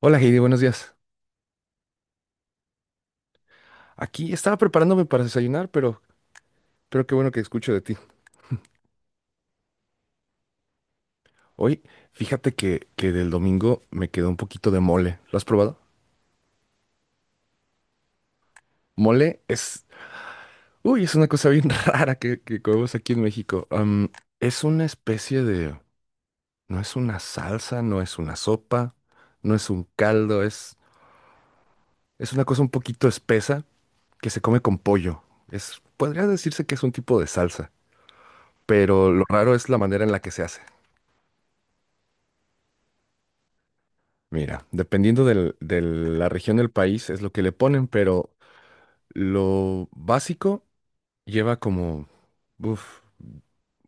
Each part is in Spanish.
Hola Heidi, buenos días. Aquí estaba preparándome para desayunar, pero qué bueno que escucho de ti. Hoy, fíjate que del domingo me quedó un poquito de mole. ¿Lo has probado? Mole es una cosa bien rara que comemos aquí en México. Es una especie de, no es una salsa, no es una sopa, no es un caldo, es una cosa un poquito espesa que se come con pollo. Es, podría decirse que es un tipo de salsa, pero lo raro es la manera en la que se hace. Mira, de la región del país es lo que le ponen, pero lo básico lleva como uf,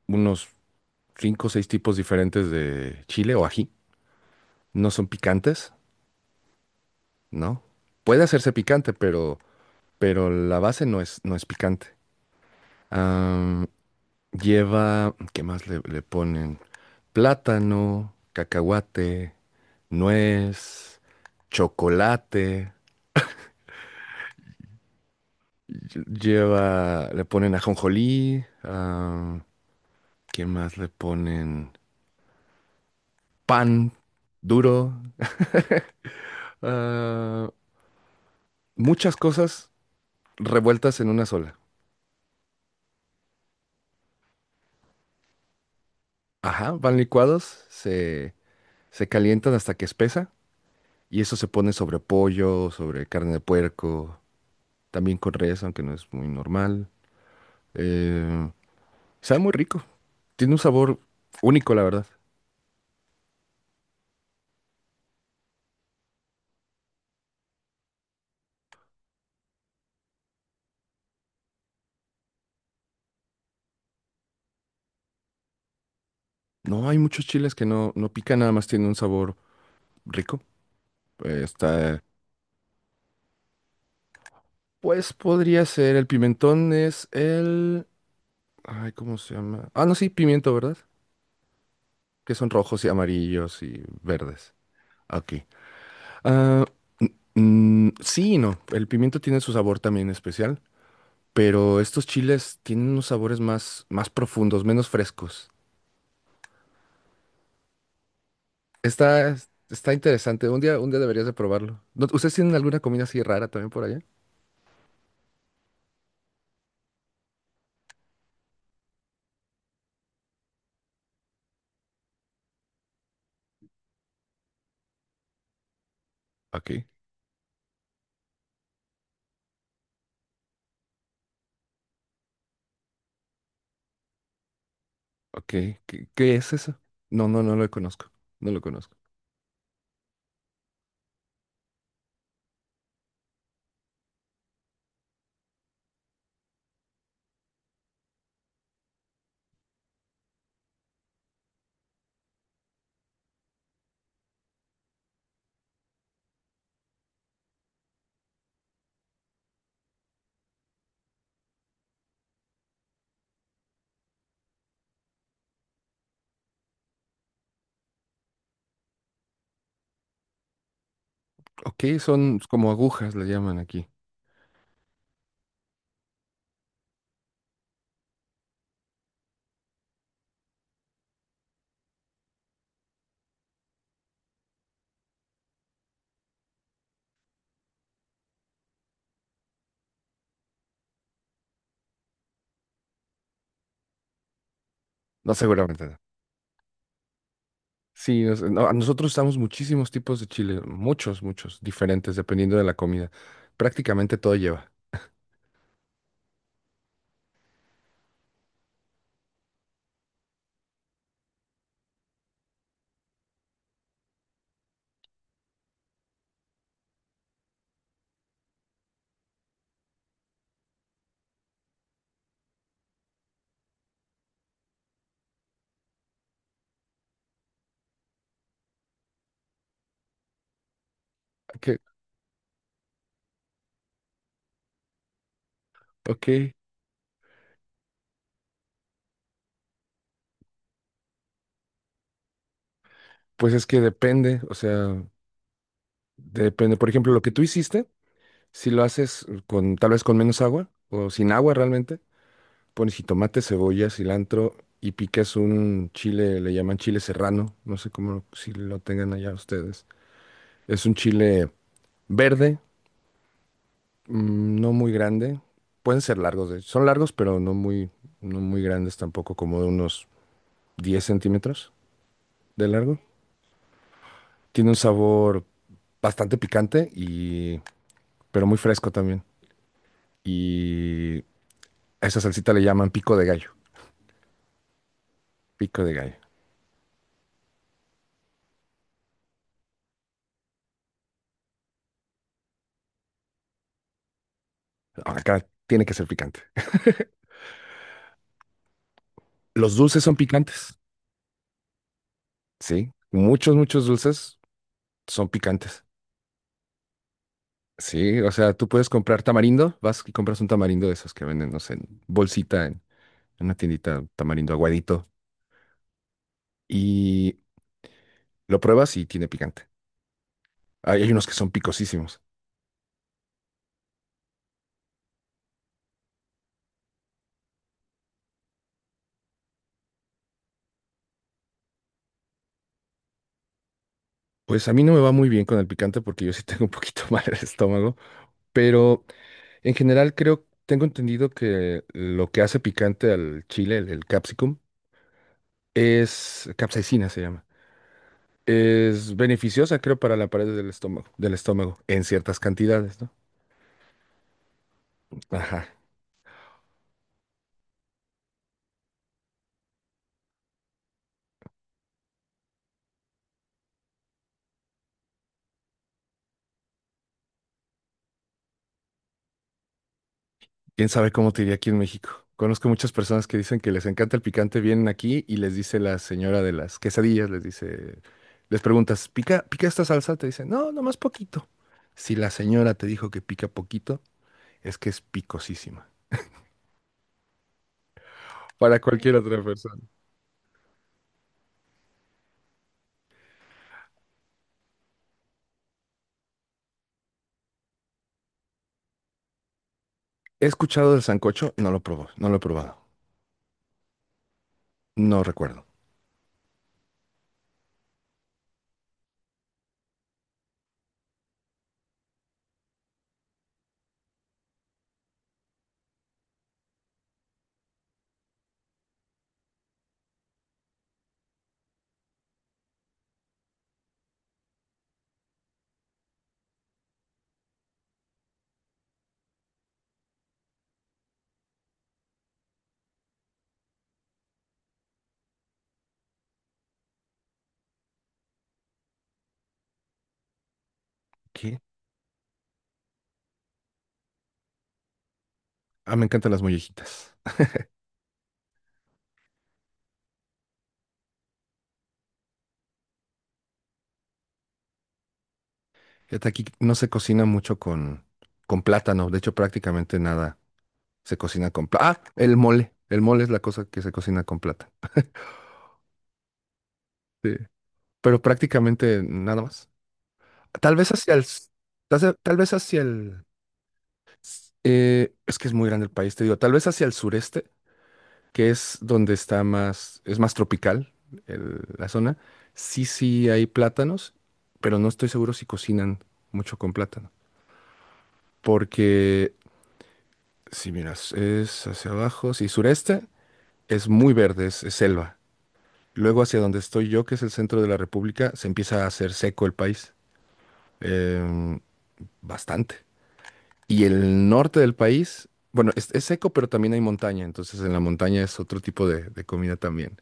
unos cinco o seis tipos diferentes de chile o ají. No son picantes, ¿no? Puede hacerse picante, pero la base no es picante. Am, Lleva, ¿qué más le ponen? Plátano, cacahuate, nuez, chocolate. Lleva, le ponen ajonjolí, ah, ¿quién más le ponen? Pan duro, ah, muchas cosas revueltas en una sola. Ajá, van licuados, se calientan hasta que espesa y eso se pone sobre pollo, sobre carne de puerco, también con res, aunque no es muy normal. Eh, Sabe muy rico, tiene un sabor único, la verdad. No hay muchos chiles que no pican, nada más tiene un sabor rico. Está Pues podría ser, el pimentón es el... Ay, ¿cómo se llama? Ah, no, sí, pimiento, ¿verdad? Que son rojos y amarillos y verdes. Aquí. Ah, sí y no, el pimiento tiene su sabor también especial, pero estos chiles tienen unos sabores más profundos, menos frescos. Está, está interesante, un día deberías de probarlo. ¿Ustedes tienen alguna comida así rara también por allá? Aquí, ok. ¿Qué es eso? No, no lo conozco. No lo conozco. Ok, son como agujas, le llaman aquí. No, seguramente no. No, nosotros usamos muchísimos tipos de chile, muchos, muchos, diferentes, dependiendo de la comida. Prácticamente todo lleva. Ok, ok, pues es que depende, o sea, depende. Por ejemplo, lo que tú hiciste, si lo haces con, tal vez con menos agua o sin agua realmente, pones jitomate, cebolla, cilantro y picas un chile, le llaman chile serrano, no sé cómo, si lo tengan allá ustedes. Es un chile verde no muy grande. Pueden ser largos, de hecho. Son largos, pero no muy grandes tampoco, como de unos 10 centímetros de largo. Tiene un sabor bastante picante, pero muy fresco también. Y a esa salsita le llaman pico de gallo. Pico de gallo. Acá tiene que ser picante. Los dulces son picantes, sí. Muchos, muchos dulces son picantes. Sí, o sea, tú puedes comprar tamarindo, vas y compras un tamarindo de esos que venden, no sé, en bolsita en una tiendita tamarindo aguadito y lo pruebas y tiene picante. Hay unos que son picosísimos. Pues a mí no me va muy bien con el picante porque yo sí tengo un poquito mal el estómago, pero en general creo, tengo entendido que lo que hace picante al chile, el capsicum, es capsaicina se llama. Es beneficiosa, creo, para la pared del estómago, en ciertas cantidades, ¿no? Ajá. Quién sabe cómo te iría aquí en México. Conozco muchas personas que dicen que les encanta el picante, vienen aquí y les dice la señora de las quesadillas, les dice, les preguntas, ¿pica, pica esta salsa? Te dicen, no, nomás poquito. Si la señora te dijo que pica poquito, es que es picosísima. Para cualquier otra persona. He escuchado del sancocho, no lo no lo he probado, no recuerdo. ¿Qué? Ah, me encantan las mollejitas. Fíjate, aquí no se cocina mucho con plátano, de hecho prácticamente nada. Se cocina con plata. Ah, el mole. El mole es la cosa que se cocina con plata. Sí. Pero prácticamente nada más. Tal vez hacia el... s- tal vez hacia el... es que es muy grande el país, te digo. Tal vez hacia el sureste, que es donde está más... Es más tropical la zona. Sí, sí hay plátanos, pero no estoy seguro si cocinan mucho con plátano. Porque si miras, es hacia abajo. Sí, sureste es muy verde, es selva. Luego hacia donde estoy yo, que es el centro de la República, se empieza a hacer seco el país. em, Bastante. Y el norte del país, bueno, es seco, pero también hay montaña. Entonces en la montaña es otro tipo de comida también.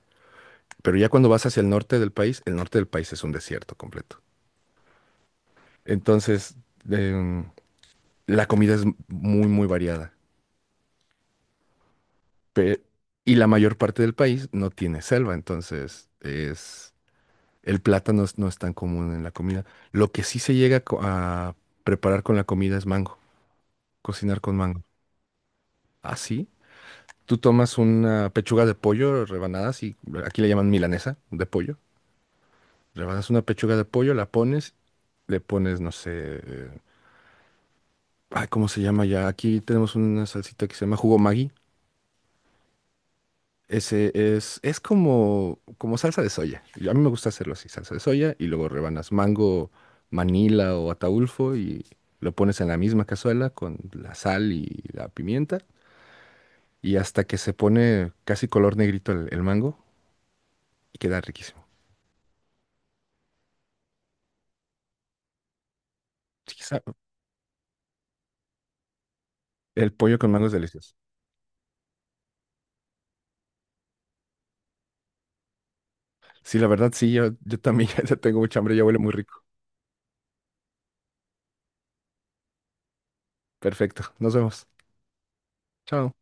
Pero ya cuando vas hacia el norte del país, el norte del país es un desierto completo. Entonces, em, la comida es muy, muy variada. Pe- y la mayor parte del país no tiene selva, entonces es el plátano no es tan común en la comida. Lo que sí se llega a preparar con la comida es mango, cocinar con mango. Así, tú tomas una pechuga de pollo, rebanadas, y aquí le llaman milanesa de pollo. Rebanas una pechuga de pollo, la pones, le pones, no sé, eh, ay, ¿cómo se llama ya? Aquí tenemos una salsita que se llama jugo Maggi. Ese es como, como salsa de soya. A mí me gusta hacerlo así, salsa de soya y luego rebanas mango, manila o ataulfo y lo pones en la misma cazuela con la sal y la pimienta y hasta que se pone casi color negrito el mango y queda riquísimo. Sí, sa- El pollo con mango es delicioso. Sí, la verdad, sí, yo también ya tengo mucha hambre, ya huele muy rico. Perfecto, nos vemos. Chao.